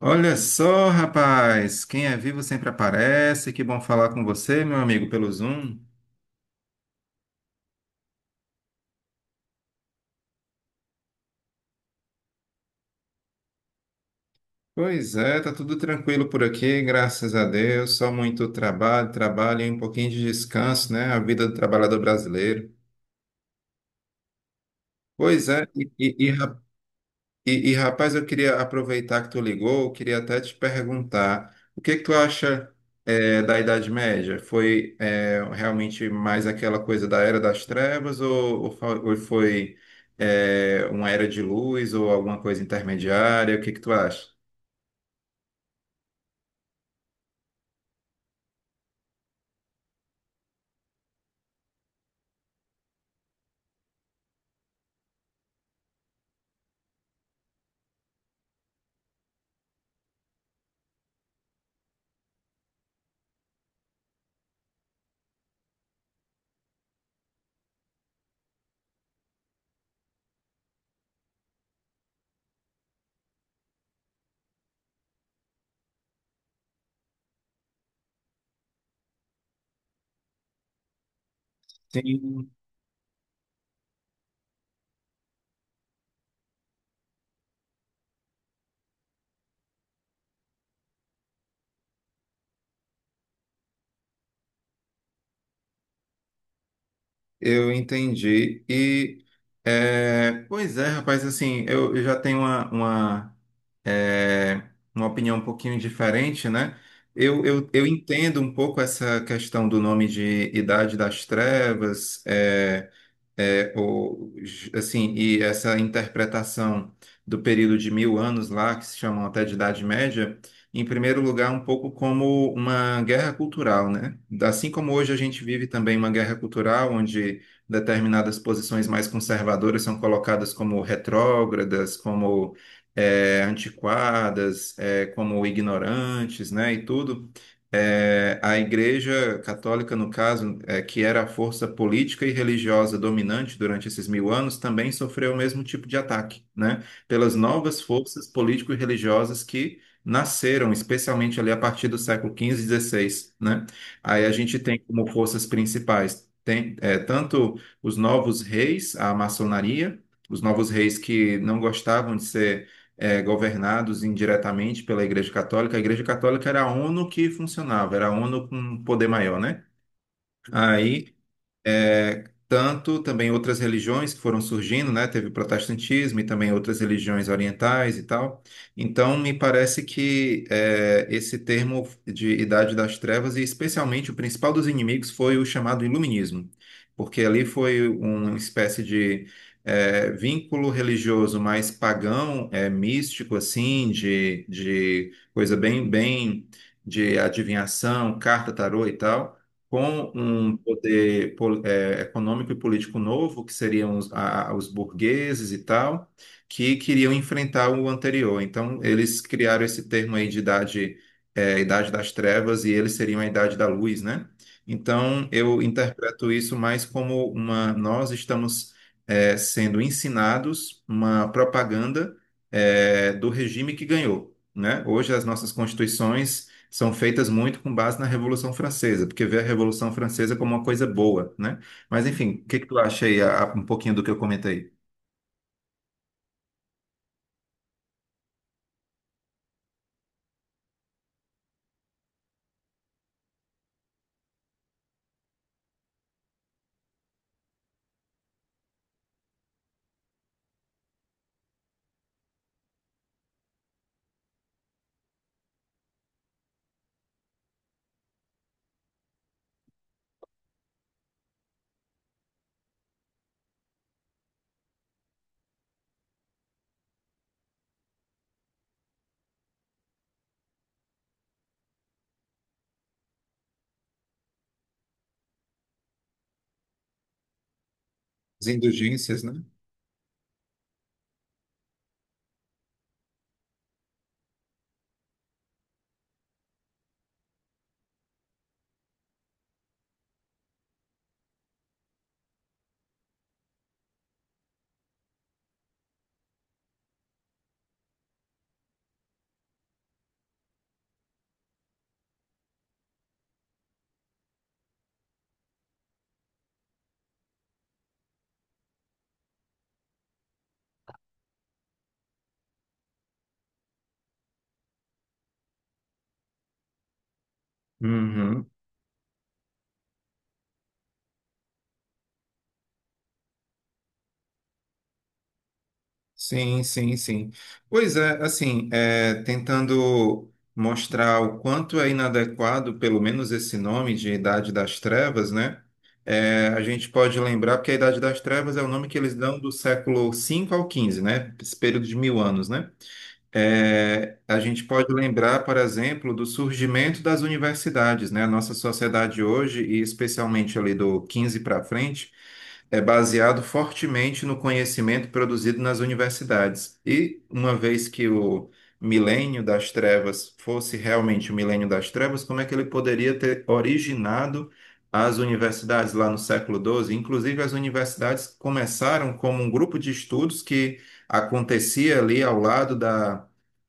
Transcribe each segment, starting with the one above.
Olha só, rapaz, quem é vivo sempre aparece. Que bom falar com você, meu amigo, pelo Zoom. Pois é, tá tudo tranquilo por aqui, graças a Deus. Só muito trabalho, trabalho e um pouquinho de descanso, né? A vida do trabalhador brasileiro. Pois é. E, rapaz, eu queria aproveitar que tu ligou, eu queria até te perguntar, o que que tu acha da Idade Média? Foi realmente mais aquela coisa da Era das Trevas ou foi uma Era de Luz ou alguma coisa intermediária? O que que tu acha? Sim. Eu entendi. E, pois é, rapaz, assim, eu já tenho uma, é, uma opinião um pouquinho diferente, né? Eu entendo um pouco essa questão do nome de Idade das Trevas. É, o, assim, e essa interpretação do período de mil anos lá, que se chamam até de Idade Média, em primeiro lugar, um pouco como uma guerra cultural, né? Assim como hoje a gente vive também uma guerra cultural, onde determinadas posições mais conservadoras são colocadas como retrógradas, como antiquadas, como ignorantes, né? E tudo. É, a Igreja Católica, no caso, que era a força política e religiosa dominante durante esses mil anos, também sofreu o mesmo tipo de ataque, né? Pelas novas forças político e religiosas que nasceram, especialmente ali a partir do século XV e XVI, né? Aí a gente tem como forças principais tem, tanto os novos reis, a maçonaria, os novos reis que não gostavam de ser governados indiretamente pela Igreja Católica. A Igreja Católica era a ONU que funcionava, era a ONU com um poder maior, né? Aí tanto também outras religiões que foram surgindo, né? Teve o protestantismo e também outras religiões orientais e tal. Então, me parece que esse termo de Idade das Trevas, e especialmente o principal dos inimigos, foi o chamado Iluminismo, porque ali foi uma espécie de vínculo religioso mais pagão, místico, assim, de coisa bem, bem de adivinhação, carta, tarô e tal com um poder econômico e político novo, que seriam os burgueses e tal, que queriam enfrentar o anterior. Então, eles criaram esse termo aí de idade das trevas, e eles seriam a idade da luz, né? Então, eu interpreto isso mais como nós estamos, sendo ensinados uma propaganda, do regime que ganhou. Né? Hoje as nossas constituições são feitas muito com base na Revolução Francesa, porque vê a Revolução Francesa como uma coisa boa, né? Mas enfim, o que que tu acha aí, um pouquinho do que eu comentei? As indulgências, né? Uhum. Sim, sim, sim. Pois é, assim, é, tentando mostrar o quanto é inadequado, pelo menos esse nome de Idade das Trevas, né? É, a gente pode lembrar, porque a Idade das Trevas é o nome que eles dão do século V ao XV, né? Esse período de mil anos, né? É, a gente pode lembrar, por exemplo, do surgimento das universidades, né? A nossa sociedade hoje, e especialmente ali do XV para frente, é baseado fortemente no conhecimento produzido nas universidades. E uma vez que o milênio das trevas fosse realmente o milênio das trevas, como é que ele poderia ter originado as universidades lá no século XII? Inclusive, as universidades começaram como um grupo de estudos que acontecia ali ao lado da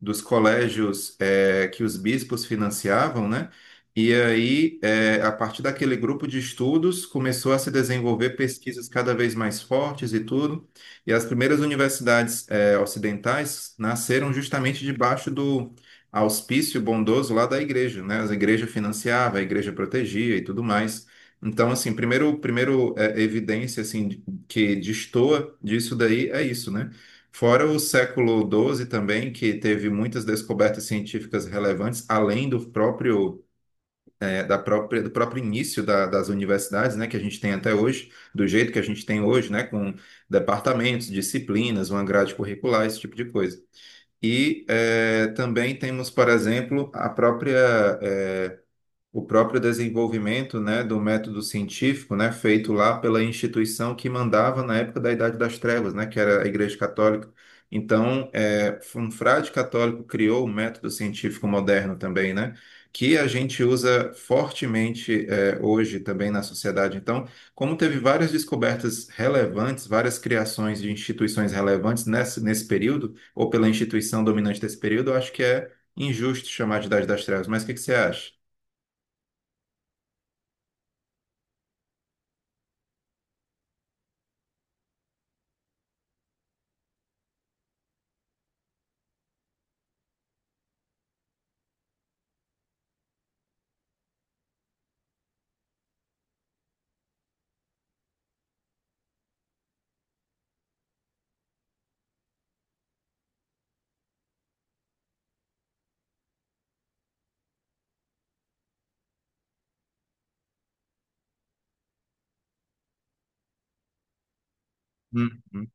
dos colégios que os bispos financiavam, né? E aí, a partir daquele grupo de estudos, começou a se desenvolver pesquisas cada vez mais fortes e tudo. E as primeiras universidades ocidentais nasceram justamente debaixo do auspício bondoso lá da igreja, né? As igrejas financiavam, a igreja protegia e tudo mais. Então, assim, primeiro evidência assim que destoa disso daí é isso, né? Fora o século XII também, que teve muitas descobertas científicas relevantes, além do próprio início das universidades, né, que a gente tem até hoje, do jeito que a gente tem hoje, né, com departamentos, disciplinas, uma grade curricular, esse tipo de coisa. E também temos, por exemplo, o próprio desenvolvimento, né, do método científico, né, feito lá pela instituição que mandava na época da Idade das Trevas, né, que era a Igreja Católica. Então, um frade católico criou o método científico moderno também, né, que a gente usa fortemente hoje também na sociedade. Então, como teve várias descobertas relevantes, várias criações de instituições relevantes nesse período, ou pela instituição dominante desse período, eu acho que é injusto chamar de Idade das Trevas. Mas o que que você acha? Uhum,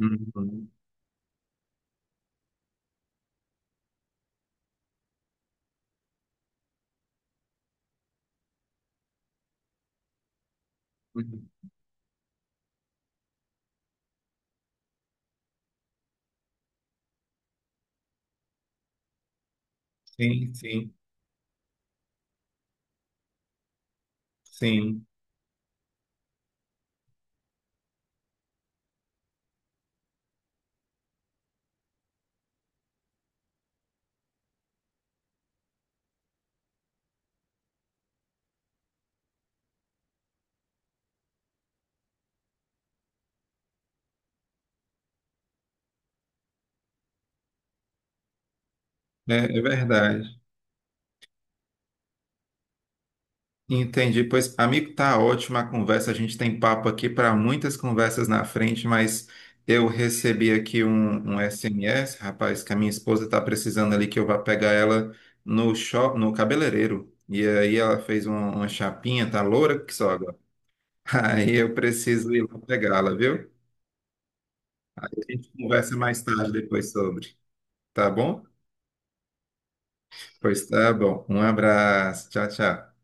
uhum, uhum. Sim, sim, sim. É, é verdade. Entendi. Pois, amigo, tá ótima a conversa. A gente tem papo aqui para muitas conversas na frente, mas eu recebi aqui um SMS, rapaz, que a minha esposa tá precisando ali que eu vá pegar ela no shop, no cabeleireiro. E aí ela fez uma chapinha, tá loura que só agora. Aí eu preciso ir lá pegá-la, viu? A gente conversa mais tarde depois sobre, tá bom? Pois tá bom. Um abraço. Tchau, tchau.